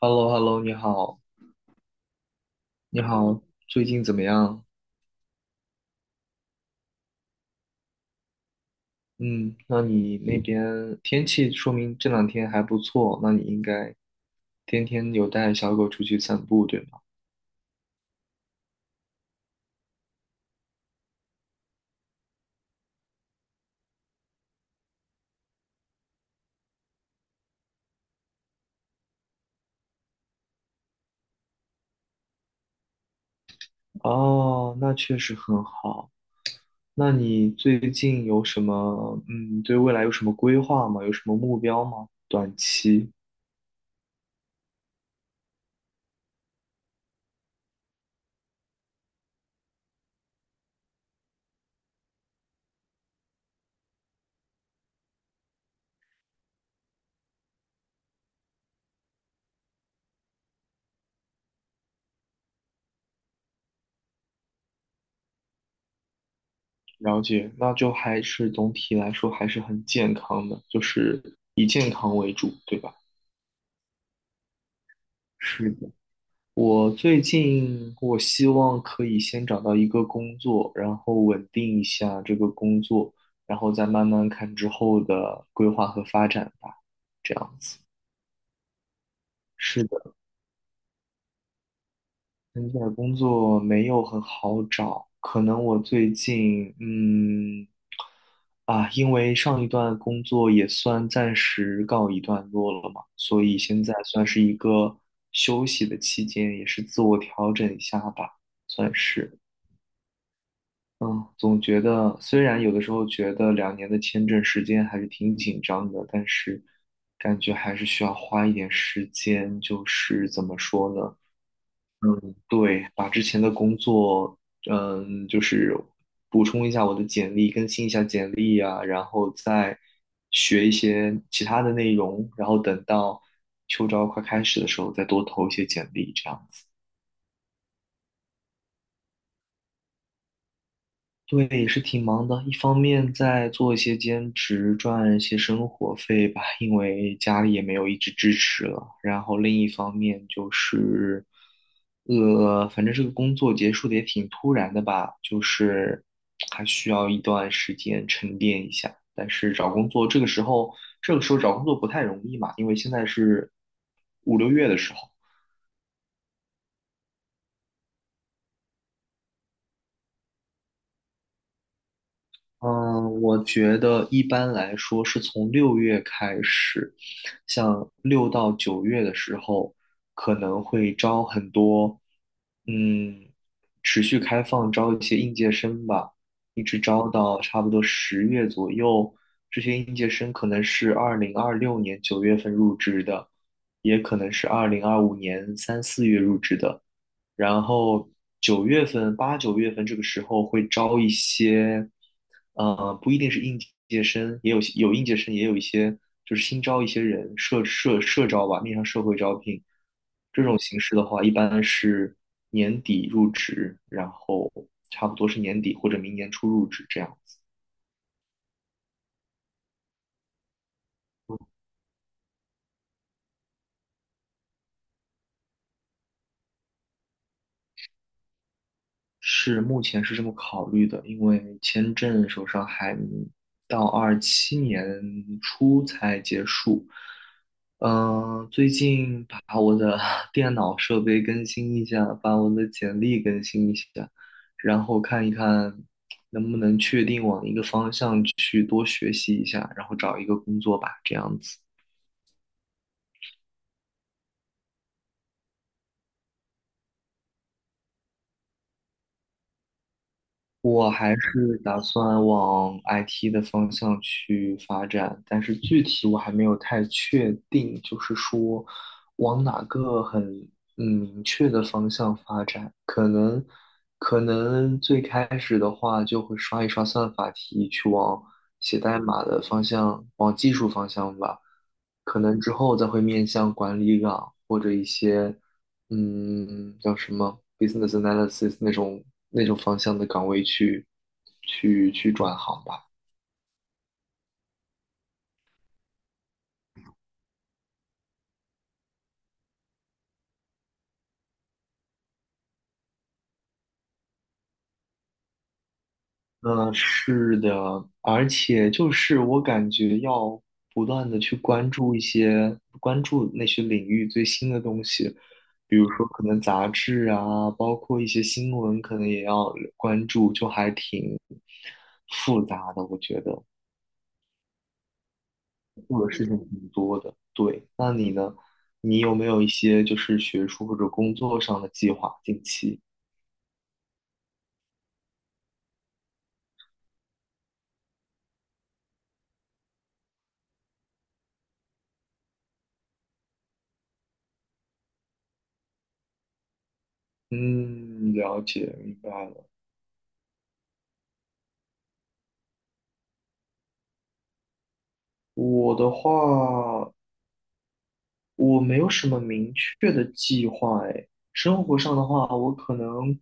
h e l l o h e l l o 你好，你好，最近怎么样？嗯，那你那边天气说明这2天还不错，那你应该天天有带小狗出去散步，对吗？哦，那确实很好。那你最近有什么，对未来有什么规划吗？有什么目标吗？了解，那就还是总体来说还是很健康的，就是以健康为主，对吧？是的。我最近希望可以先找到一个工作，然后稳定一下这个工作，然后再慢慢看之后的规划和发展吧。这样子，是的，现在工作没有很好找，可能我最近因为上一段工作也算暂时告一段落了嘛，所以现在算是一个休息的期间，也是自我调整一下吧，算是。嗯，总觉得虽然有的时候觉得2年的签证时间还是挺紧张的，但是感觉还是需要花一点时间，就是怎么说呢？嗯，对，把之前的工作，就是补充一下我的简历，更新一下简历啊，然后再学一些其他的内容，然后等到秋招快开始的时候再多投一些简历，这样子。对，也是挺忙的，一方面在做一些兼职赚一些生活费吧，因为家里也没有一直支持了。然后另一方面就是，反正这个工作结束的也挺突然的吧，就是还需要一段时间沉淀一下。但是找工作这个时候找工作不太容易嘛，因为现在是5、6月的时候。嗯，我觉得一般来说是从六月开始，像6到9月的时候，可能会招很多，嗯，持续开放招一些应届生吧，一直招到差不多10月左右。这些应届生可能是2026年9月份入职的，也可能是2025年3、4月入职的。然后九月份、8、9月份这个时候会招一些，不一定是应届生，也有应届生，也有一些就是新招一些人，社招吧，面向社会招聘。这种形式的话，一般是年底入职，然后差不多是年底或者明年初入职这样。是，目前是这么考虑的，因为签证手上还到27年初才结束。最近把我的 电脑设备更新一下，把我的简历更新一下，然后看一看能不能确定往一个方向去多学习一下，然后找一个工作吧，这样子。我还是打算往 IT 的方向去发展，但是具体我还没有太确定，就是说往哪个很明确的方向发展。可能最开始的话就会刷一刷算法题，去往写代码的方向，往技术方向吧。可能之后再会面向管理岗或者一些。叫什么 business analysis 那种方向的岗位去转行吧。嗯，是的，而且就是我感觉要不断的去关注那些领域最新的东西，比如说可能杂志啊，包括一些新闻，可能也要关注，就还挺复杂的，我觉得。做的事情挺多的。对，那你呢？你有没有一些就是学术或者工作上的计划？近期？嗯，了解，明白了。我的话，我没有什么明确的计划哎。生活上的话，我可能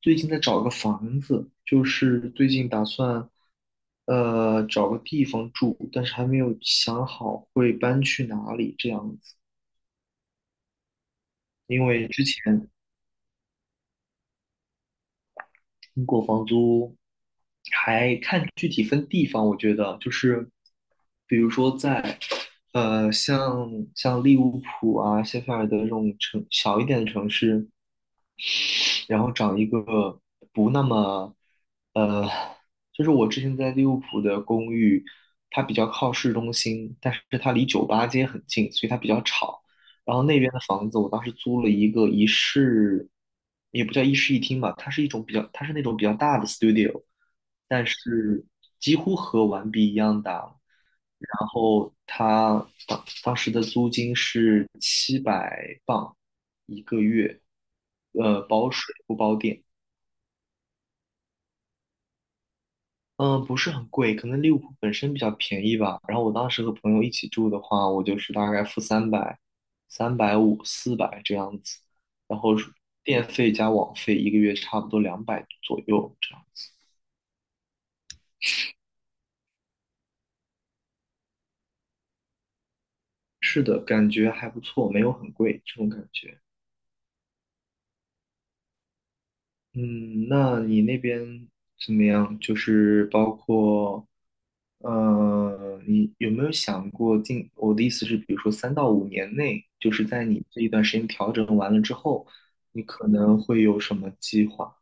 最近在找个房子，就是最近打算找个地方住，但是还没有想好会搬去哪里这样子。因为之前英国房租还看具体分地方，我觉得就是比如说在呃像像利物浦啊、谢菲尔德这种城小一点的城市，然后找一个不那么，呃，就是我之前在利物浦的公寓，它比较靠市中心，但是它离酒吧街很近，所以它比较吵。然后那边的房子，我当时租了一个一室，也不叫一室一厅吧，它是一种比较，它是那种比较大的 studio，但是几乎和完璧一样大。然后它当时的租金是700磅，一个月，包水不包电，嗯、不是很贵，可能利物浦本身比较便宜吧。然后我当时和朋友一起住的话，我就是大概付三百、350、400这样子，然后是电费加网费一个月差不多200左右这样子。是的，感觉还不错，没有很贵这种感觉。嗯，那你那边怎么样？就是包括，你有没有想过近？我的意思是，比如说3到5年内，就是在你这一段时间调整完了之后，你可能会有什么计划？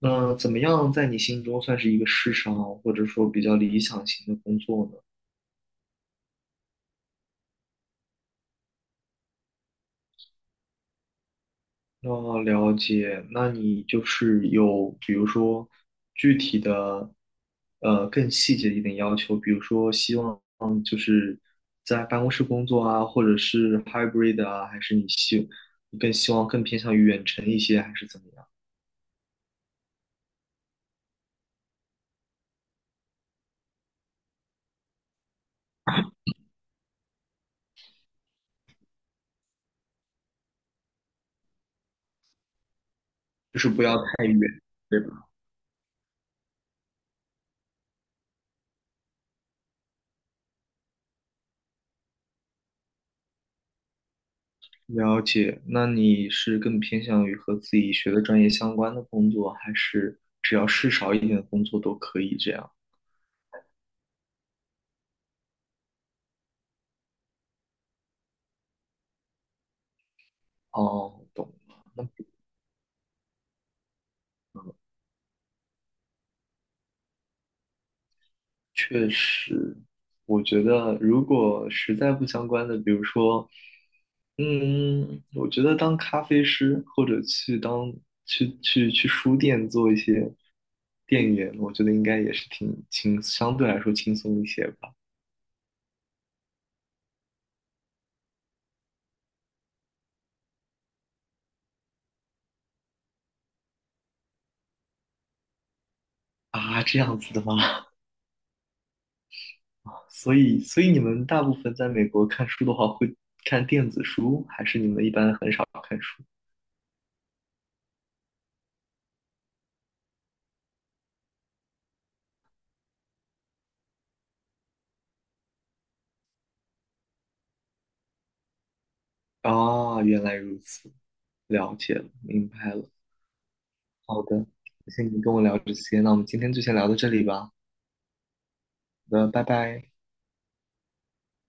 那怎么样在你心中算是一个世上或者说比较理想型的工作呢？哦，了解。那你就是有，比如说具体的，更细节一点要求，比如说希望就是在办公室工作啊，或者是 hybrid 啊，还是你更希望更偏向于远程一些，还是怎么样？就是不要太远，对吧？了解。那你是更偏向于和自己学的专业相关的工作，还是只要事少一点的工作？哦，懂了。那。确实，我觉得如果实在不相关的，比如说，我觉得当咖啡师或者去当去去去书店做一些店员，我觉得应该也是挺轻，相对来说轻松一些吧。啊，这样子的吗？所以，你们大部分在美国看书的话，会看电子书，还是你们一般很少看书？啊，原来如此，了解了，明白了。好的，谢谢你跟我聊这些，那我们今天就先聊到这里吧。好的，拜拜。